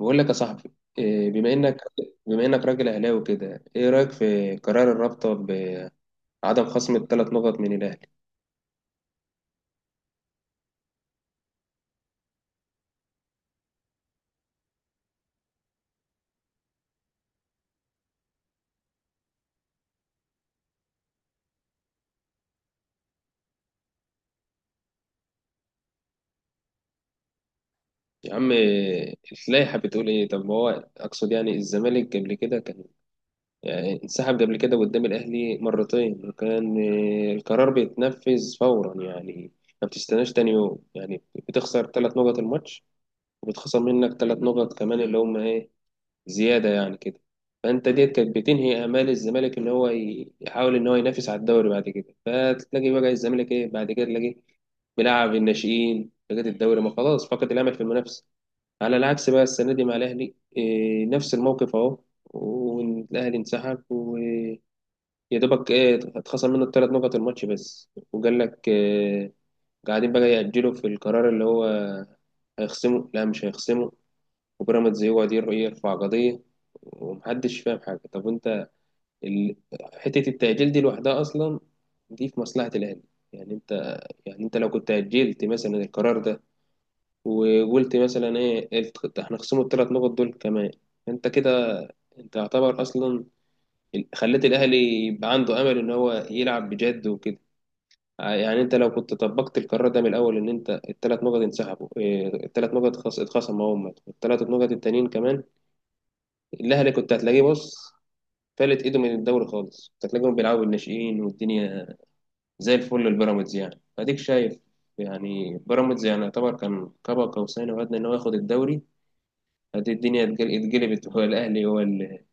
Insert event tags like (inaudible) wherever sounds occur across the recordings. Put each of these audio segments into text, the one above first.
بقول لك يا صاحبي إيه، بما انك راجل اهلاوي كده، ايه رايك في قرار الرابطه بعدم خصم الثلاث نقط من الاهلي؟ يا عم إيه، اللائحه بتقول ايه؟ طب ما هو اقصد يعني الزمالك قبل كده كان يعني انسحب قبل كده قدام الاهلي مرتين، وكان إيه، القرار بيتنفذ فورا يعني. ما بتستناش تاني يوم يعني. بتخسر ثلاث نقط الماتش، وبتخسر منك ثلاث نقط كمان اللي هم ايه زيادة يعني كده. فأنت ديت كانت بتنهي آمال الزمالك إن هو يحاول إن هو ينافس على الدوري بعد كده. فتلاقي بقى الزمالك إيه بعد كده تلاقيه بيلعب الناشئين لغاية الدوري ما خلاص فقد الأمل في المنافسة. على العكس بقى السنة دي مع الأهلي إيه نفس الموقف أهو. والأهلي انسحب ويا دوبك إيه اتخصم منه الثلاث نقط الماتش بس، وقال لك إيه قاعدين بقى يأجلوا في القرار اللي هو هيخصمه لا مش هيخصمه، وبيراميدز يقعد يرفع قضية ومحدش فاهم حاجة. طب انت ال... حتة التأجيل دي لوحدها أصلا دي في مصلحة الأهلي. يعني انت، يعني انت لو كنت أجلت مثلا القرار ده وقلت مثلا ايه احنا خصموا الثلاث نقط دول كمان، انت كده، انت يعتبر اصلا خليت الأهلي يبقى عنده أمل إن هو يلعب بجد وكده. يعني انت لو كنت طبقت القرار ده من الاول ان انت الثلاث نقط انسحبوا إيه، الثلاث نقط اتخصموا هم الثلاث نقط التانيين كمان، الاهلي كنت هتلاقيه بص فلت ايده من الدوري خالص، كانت تلاقيهم بيلعبوا بالناشئين والدنيا زي الفل للبيراميدز يعني اديك شايف. يعني بيراميدز يعني يعتبر كان كبا قوسين او ادنى ان هو ياخد الدوري. ادي الدنيا اتقلبت، هو الاهلي هو اللي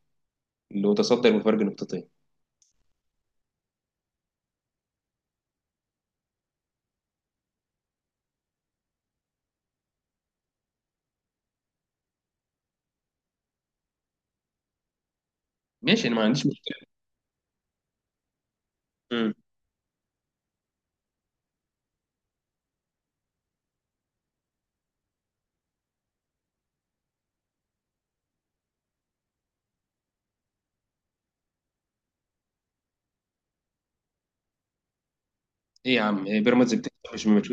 اللي متصدر بفرق نقطتين. ماشي، انا ما عنديش مشكله. مم. ايه يا عم إيه بيراميدز بتكسب مش ماتش.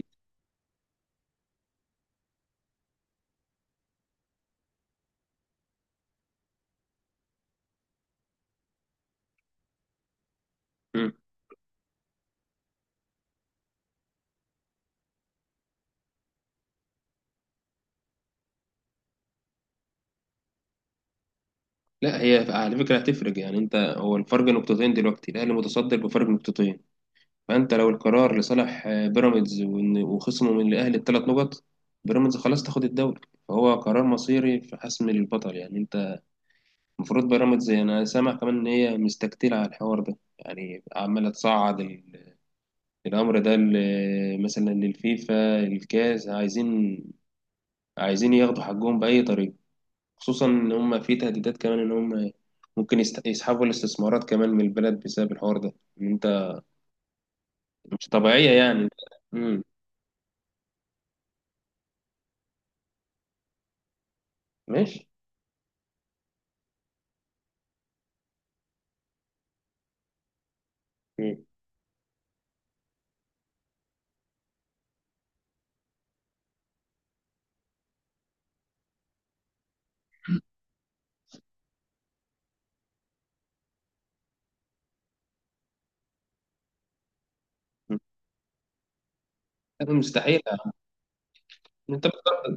مم. لا هي على فكره هتفرق، يعني انت هو الفرق نقطتين دلوقتي الاهلي متصدر بفرق نقطتين. فأنت لو القرار لصالح بيراميدز وخصمه من الأهلي الثلاث نقط، بيراميدز خلاص تاخد الدوري. فهو قرار مصيري في حسم للبطل يعني أنت. المفروض بيراميدز، أنا سامع كمان إن هي مستكتلة على الحوار ده، يعني عمالة تصعد الأمر ده مثلا للفيفا الكاس، عايزين عايزين ياخدوا حقهم بأي طريقة، خصوصا إن هم في تهديدات كمان إن هم ممكن يسحبوا الاستثمارات كمان من البلد بسبب الحوار ده. إن أنت مش طبيعية يعني. مم. ماشي. مم. مستحيل. انت بتقدر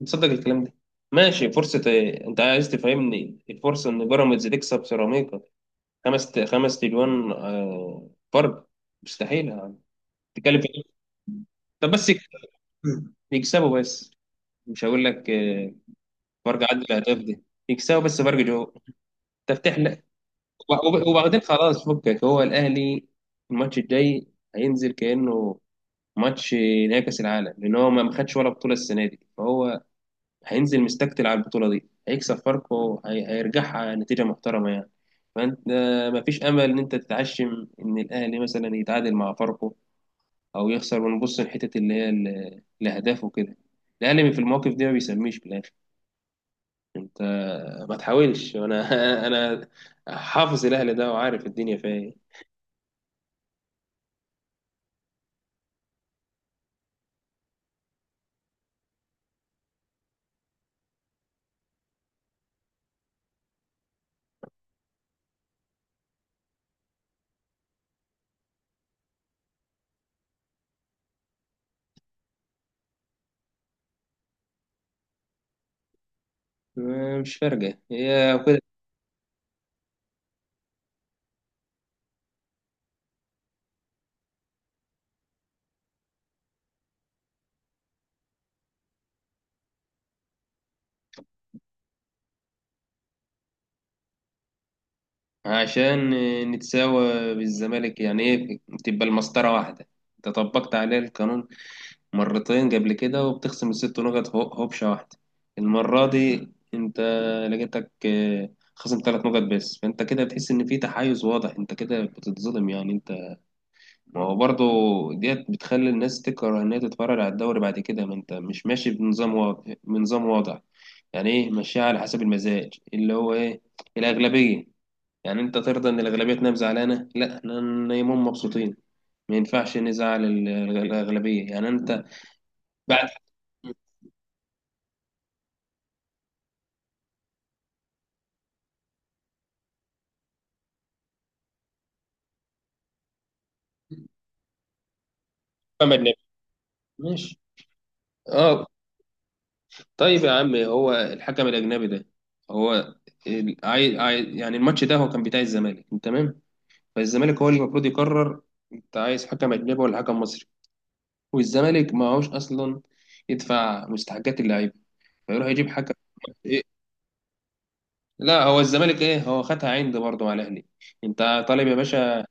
تصدق الكلام ده؟ ماشي فرصة ايه، انت عايز تفهمني الفرصة ان بيراميدز تكسب سيراميكا خمس خمس تليون فرق؟ مستحيل يعني. تتكلم في إيه؟ طب بس يكسبوا بس، مش هقول لك فرق عدد الاهداف دي، يكسبوا بس فرق جو تفتح لك. وبعدين خلاص فكك، هو الاهلي الماتش الجاي هينزل كانه ماتش نهائي كاس العالم، لان هو ما خدش ولا بطوله السنه دي، فهو هينزل مستكتل على البطولة دي هيكسب فاركو هيرجعها نتيجة محترمة يعني. فأنت مفيش أمل إن أنت تتعشم إن الأهلي مثلا يتعادل مع فاركو أو يخسر ونبص لحتة اللي هي الأهداف وكده. الأهلي في المواقف دي ما بيسميش في الآخر. أنت ما تحاولش. أنا (laughs) أنا حافظ الأهلي ده وعارف الدنيا فيها إيه. مش فارقة هي كده. عشان نتساوى بالزمالك، يعني إيه تبقى المسطرة واحدة. أنت طبقت عليه القانون مرتين قبل كده وبتخصم الست نقط هوبشة واحدة. المرة دي انت لقيتك خصم ثلاث نقط بس. فانت كده بتحس ان في تحيز واضح، انت كده بتتظلم يعني انت. ما هو برضه ديت بتخلي الناس تكره ان هي تتفرج على الدوري بعد كده. ما انت مش ماشي بنظام واضح بنظام واضح يعني، ايه ماشيها على حسب المزاج اللي هو ايه الاغلبية. يعني انت ترضى ان الاغلبية تنام زعلانة؟ لا احنا نايمين مبسوطين. ما ينفعش نزعل الاغلبية يعني انت. بعد محمد نبي. ماشي. اه. طيب يا عم هو الحكم الاجنبي ده هو يعني الماتش ده هو كان بتاع الزمالك تمام، فالزمالك هو اللي المفروض يقرر، انت عايز حكم اجنبي ولا حكم مصري؟ والزمالك ما هوش اصلا يدفع مستحقات اللعيبه فيروح يجيب حكم. إيه؟ لا هو الزمالك ايه هو خدها عند برضه مع الاهلي، انت طالب يا باشا.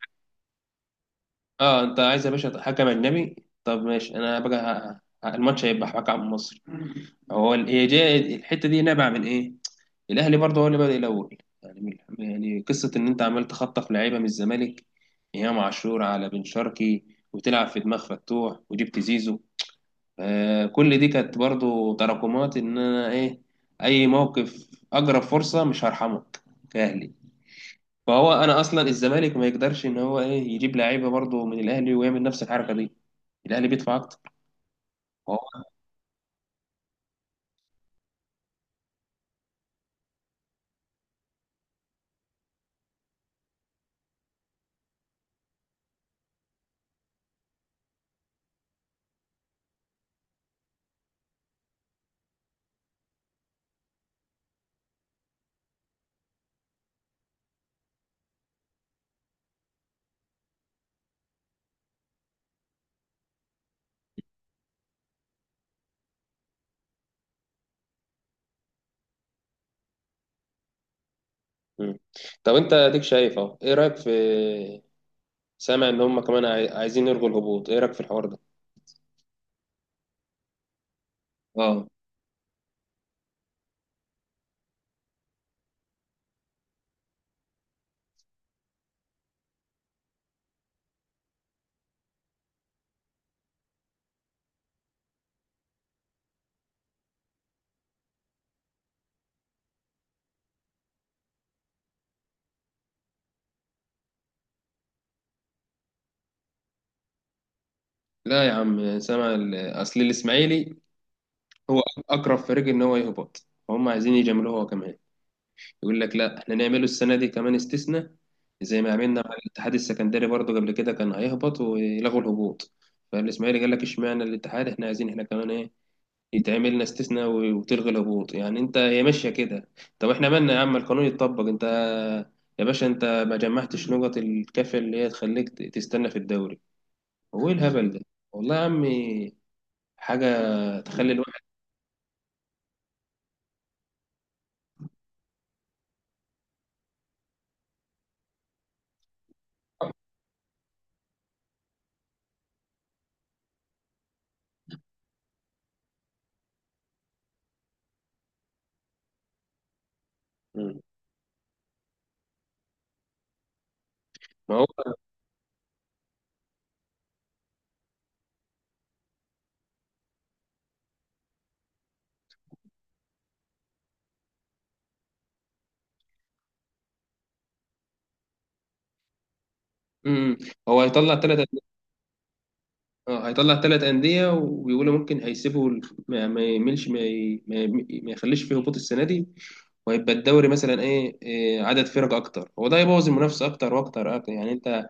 اه انت عايز يا باشا حكم اجنبي. طب ماشي، انا بقى الماتش هيبقى حكم مصري. هو هي جاية الحته دي نابعه من ايه؟ الاهلي برضه هو اللي بادئ الاول يعني يعني قصه ان انت عمال تخطف لعيبه من الزمالك ايام عاشور على بن شرقي وتلعب في دماغ فتوح وجبت زيزو. آه كل دي كانت برضه تراكمات ان انا ايه اي موقف اقرب فرصه مش هرحمك كاهلي. فهو انا اصلا الزمالك ما يقدرش ان هو ايه يجيب لعيبه برضه من الاهلي ويعمل نفس الحركه دي، الاهلي بيدفع اكتر. وهو. مم. طب انت اديك شايف اهو، ايه رايك في، سامع ان هم كمان عايزين يلغوا الهبوط، ايه رايك في الحوار ده؟ اه. لا يا عم سامع اصل الاسماعيلي هو اقرب فريق ان هو يهبط، فهم عايزين يجاملوه هو كمان، يقول لك لا احنا نعمله السنه دي كمان استثناء زي ما عملنا مع الاتحاد السكندري برضو قبل كده كان هيهبط ويلغوا الهبوط. فالاسماعيلي قال لك اشمعنى الاتحاد، احنا عايزين احنا كمان ايه يتعمل لنا استثناء وتلغي الهبوط. يعني انت هي ماشيه كده. طب احنا مالنا يا عم، القانون يتطبق، انت يا باشا انت ما جمعتش نقط الكافيه اللي هي تخليك تستنى في الدوري. هو ايه الهبل ده؟ والله يا عم حاجة تخلي الواحد. مم. ما هو. امم. هو هيطلع ثلاث هيطلع ثلاث أندية، وبيقولوا ممكن هيسيبوا ما يملش ما يخليش فيه هبوط السنة دي. وهيبقى الدوري مثلا ايه إيه، عدد فرق اكتر، هو ده هيبوظ المنافسة اكتر واكتر اكتر يعني انت.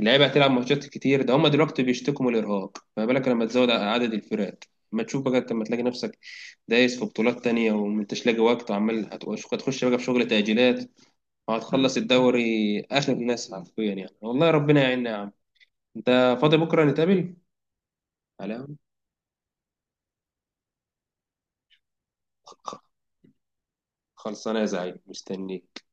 اللعيبة هتلعب ماتشات كتير، ده هم دلوقتي بيشتكوا من الارهاق، فما بالك لما تزود عدد الفرق؟ ما تشوف بقى انت لما تلاقي نفسك دايس في بطولات تانية وما انتش لاقي وقت، وعمال هتخش بقى في شغل تأجيلات، وهتخلص الدوري آخر ناس حرفيا يعني. والله ربنا يعيننا يا عم. أنت فاضي بكرة نتقابل؟ على. خلصانة يا زعيم مستنيك.